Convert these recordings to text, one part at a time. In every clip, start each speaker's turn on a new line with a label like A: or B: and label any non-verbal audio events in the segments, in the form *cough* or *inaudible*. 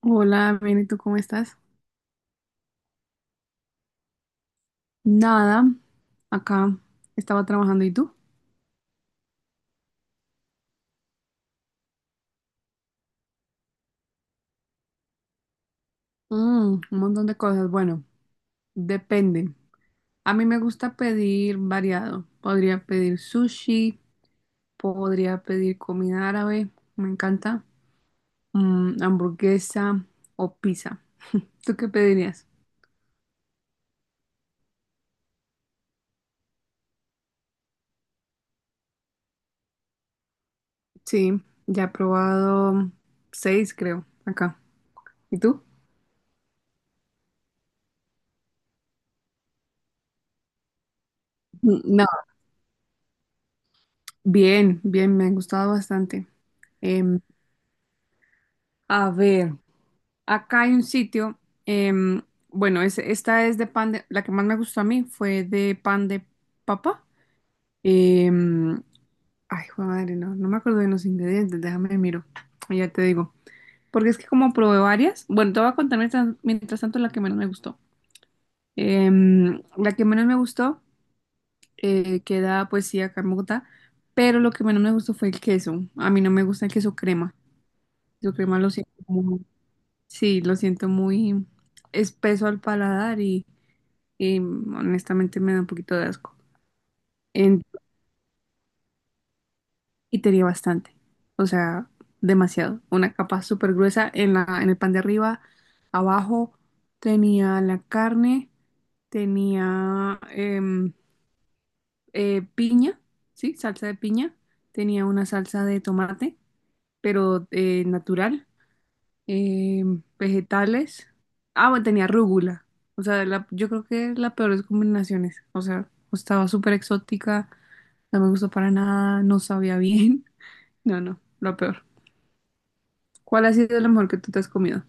A: Hola, bien, ¿y tú cómo estás? Nada, acá estaba trabajando, ¿y tú? Un montón de cosas. Bueno, depende. A mí me gusta pedir variado. Podría pedir sushi, podría pedir comida árabe, me encanta, hamburguesa o pizza. ¿Tú qué pedirías? Sí, ya he probado 6, creo, acá. ¿Y tú? No, bien, bien, me ha gustado bastante. Em, a ver. Acá hay un sitio, em, bueno, esta es de pan de, la que más me gustó a mí fue de pan de papa. Em, Ay, jue madre, no, no me acuerdo de los ingredientes, déjame miro, y ya te digo. Porque es que como probé varias, bueno, te voy a contar mientras, mientras tanto la que menos me gustó. La que menos me gustó queda pues sí acá en Bogotá, pero lo que menos me gustó fue el queso. A mí no me gusta el queso crema. El queso crema lo siento muy, sí, lo siento muy espeso al paladar y honestamente me da un poquito de asco. En- y tenía bastante, o sea, demasiado. Una capa súper gruesa en la, en el pan de arriba, abajo tenía la carne, tenía piña, sí, salsa de piña, tenía una salsa de tomate, pero natural. eh, Vegetales. Ah, bueno, tenía rúgula. O sea, yo creo que la peor de combinaciones. O sea, estaba súper exótica, no me gustó para nada, no sabía bien. *laughs* No, no, lo peor. ¿Cuál ha sido lo mejor que tú te has comido?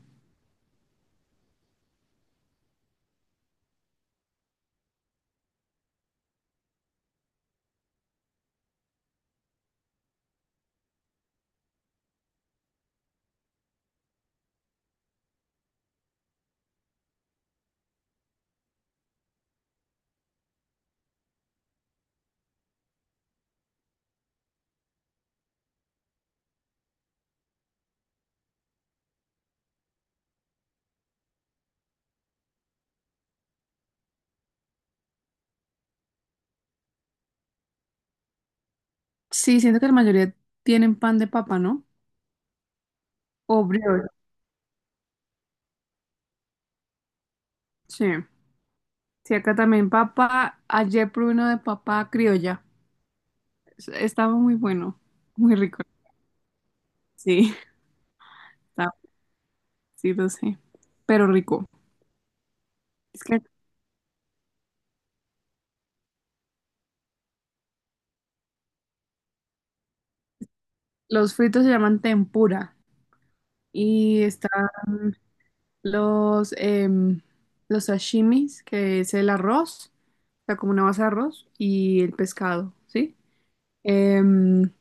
A: Sí, siento que la mayoría tienen pan de papa, ¿no? O brioche. Sí. Sí, acá también papa. Ayer probé uno de papa criolla. Estaba muy bueno, muy rico. Sí, *laughs* estaba, sí, lo sé. Pero rico. Es que los fritos se llaman tempura. Y están los, em, los sashimis, que es el arroz, o sea, como una base de arroz, y el pescado, ¿sí? Em,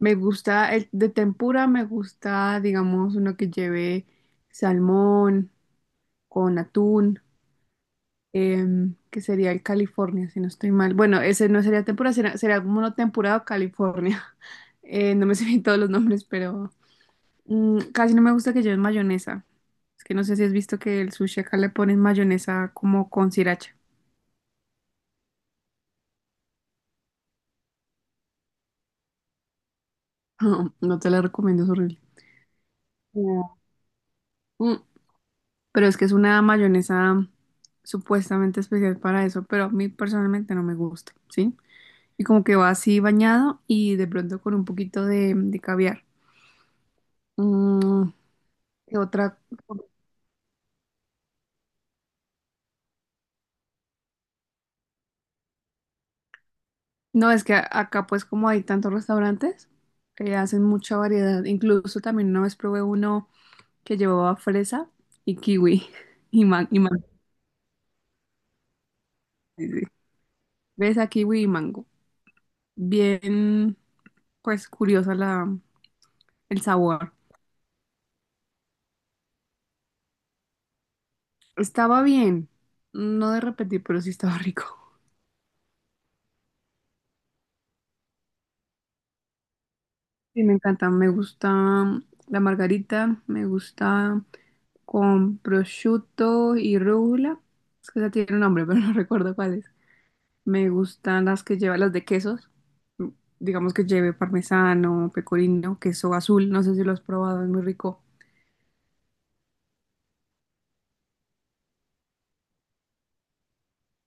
A: Me gusta el de tempura, me gusta, digamos, uno que lleve salmón con atún, que sería el California, si no estoy mal. Bueno, ese no sería tempura, sería como uno temporada California. *laughs* No me sé bien todos los nombres, pero casi no me gusta que lleven mayonesa. Es que no sé si has visto que el sushi acá le ponen mayonesa como con sriracha. *laughs* No te la recomiendo, es horrible. No. Mm, Pero es que es una mayonesa supuestamente especial para eso, pero a mí personalmente no me gusta, ¿sí? Y como que va así bañado y de pronto con un poquito de caviar. Mm, ¿Qué otra? No, es que acá pues como hay tantos restaurantes, hacen mucha variedad. Incluso también una vez probé uno que llevaba fresa y kiwi *laughs* y y mango. Fresa, kiwi y mango. Bien, pues curiosa la, el sabor. Estaba bien, no de repetir, pero sí estaba rico. Sí, me encanta, me gusta la margarita, me gusta con prosciutto y rúcula. Es que esa tiene un nombre, pero no *laughs* recuerdo cuál es. Me gustan las que lleva las de quesos. Digamos que lleve parmesano, pecorino, queso azul, no sé si lo has probado, es muy rico.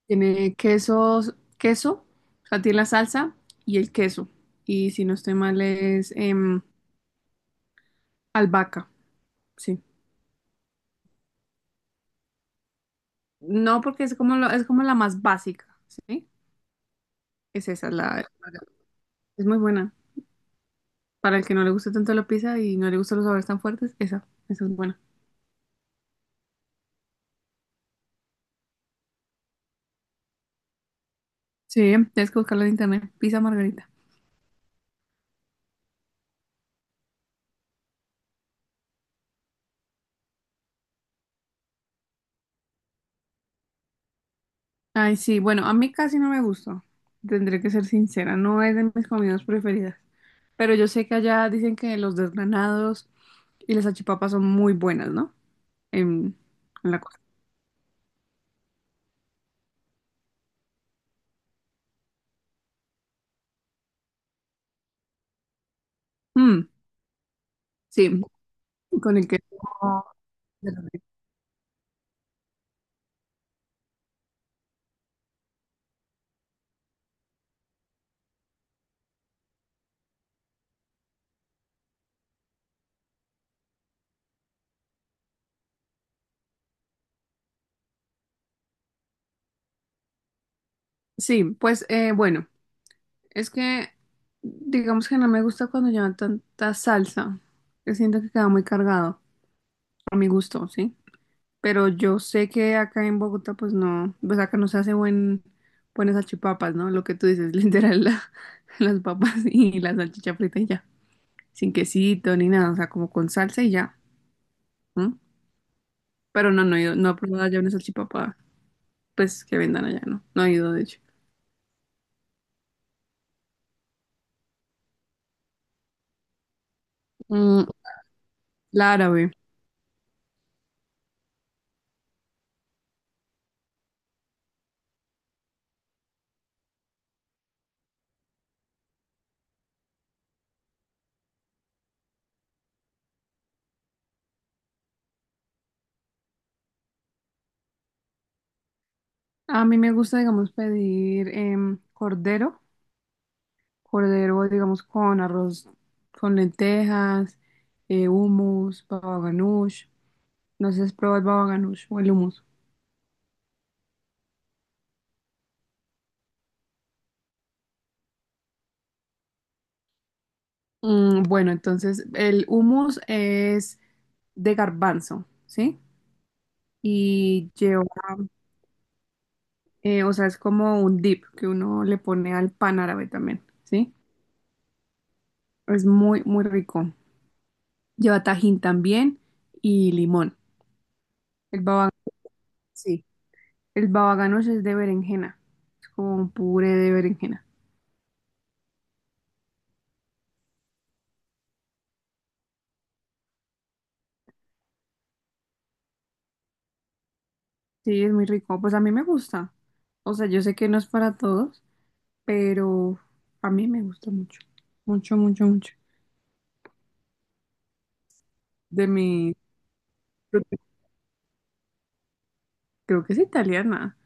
A: Tiene quesos, queso, o sea, tiene la salsa y el queso. Y si no estoy mal es albahaca, sí. No, porque es como, es como la más básica, ¿sí? Es esa, la, es muy buena. Para el que no le guste tanto la pizza y no le gustan los sabores tan fuertes, esa es buena. Sí, tienes que buscarla en internet, pizza margarita. Ay, sí, bueno, a mí casi no me gustó. Tendré que ser sincera, no es de mis comidas preferidas. Pero yo sé que allá dicen que los desgranados y las salchipapas son muy buenas, ¿no? En, en la cosa. Mm, sí, con el que Sí, pues bueno, es que digamos que no me gusta cuando llevan tanta salsa. Que siento que queda muy cargado, a mi gusto, ¿sí? Pero yo sé que acá en Bogotá, pues no, pues acá no se hace buenas salchipapas, ¿no? Lo que tú dices, *laughs* literal, las papas y la salchicha frita y ya. Sin quesito ni nada, o sea, como con salsa y ya. Pero no, no he ido, no he probado allá una salchipapa, pues que vendan allá, no, no he ido de hecho. Mm, la árabe. A mí me gusta, digamos, pedir cordero, cordero, digamos, con arroz, con lentejas, hummus, baba ganoush. No sé si has probado el baba ganoush o el hummus. Bueno, entonces el hummus es de garbanzo, ¿sí? Y lleva, o sea, es como un dip que uno le pone al pan árabe también, ¿sí? Es muy, muy rico. Lleva tajín también y limón. El baba, sí, el baba ganoush es de berenjena. Es como un puré de berenjena. Sí, es muy rico. Pues a mí me gusta. O sea, yo sé que no es para todos, pero a mí me gusta mucho. Mucho, mucho, mucho. De mi, creo que creo que es italiana.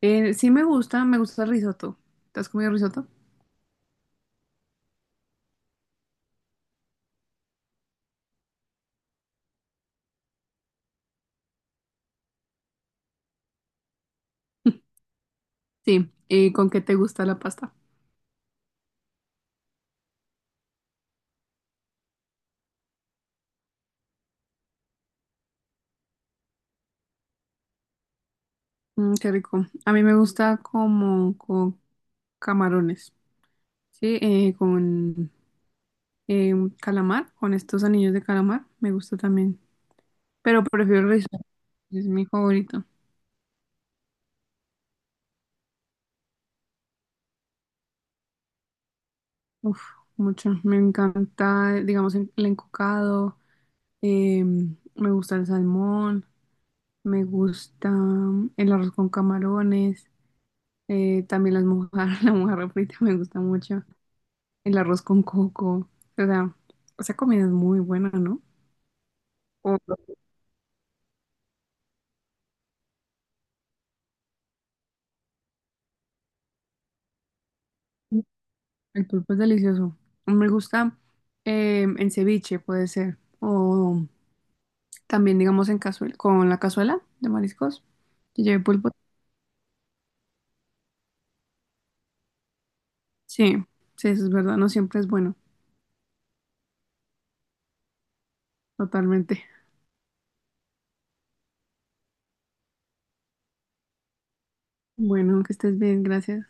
A: Sí me gusta el risotto. ¿Te has comido risotto? Sí. ¿Y con qué te gusta la pasta? Qué rico. A mí me gusta como con camarones. Sí, con eh, calamar, con estos anillos de calamar, me gusta también. Pero prefiero risotto, es mi favorito. Uf, mucho, me encanta, digamos, el encocado, eh, me gusta el salmón, me gusta el arroz con camarones, también las mojarras, *laughs* la mojarra frita me gusta mucho, el arroz con coco, o sea, esa comida es muy buena, ¿no? O- el pulpo es delicioso. Me gusta en ceviche, puede ser, o también, digamos, en cazuela, con la cazuela de mariscos, que lleve pulpo. Sí, sí, eso es verdad, no siempre es bueno, totalmente. Bueno, que estés bien, gracias.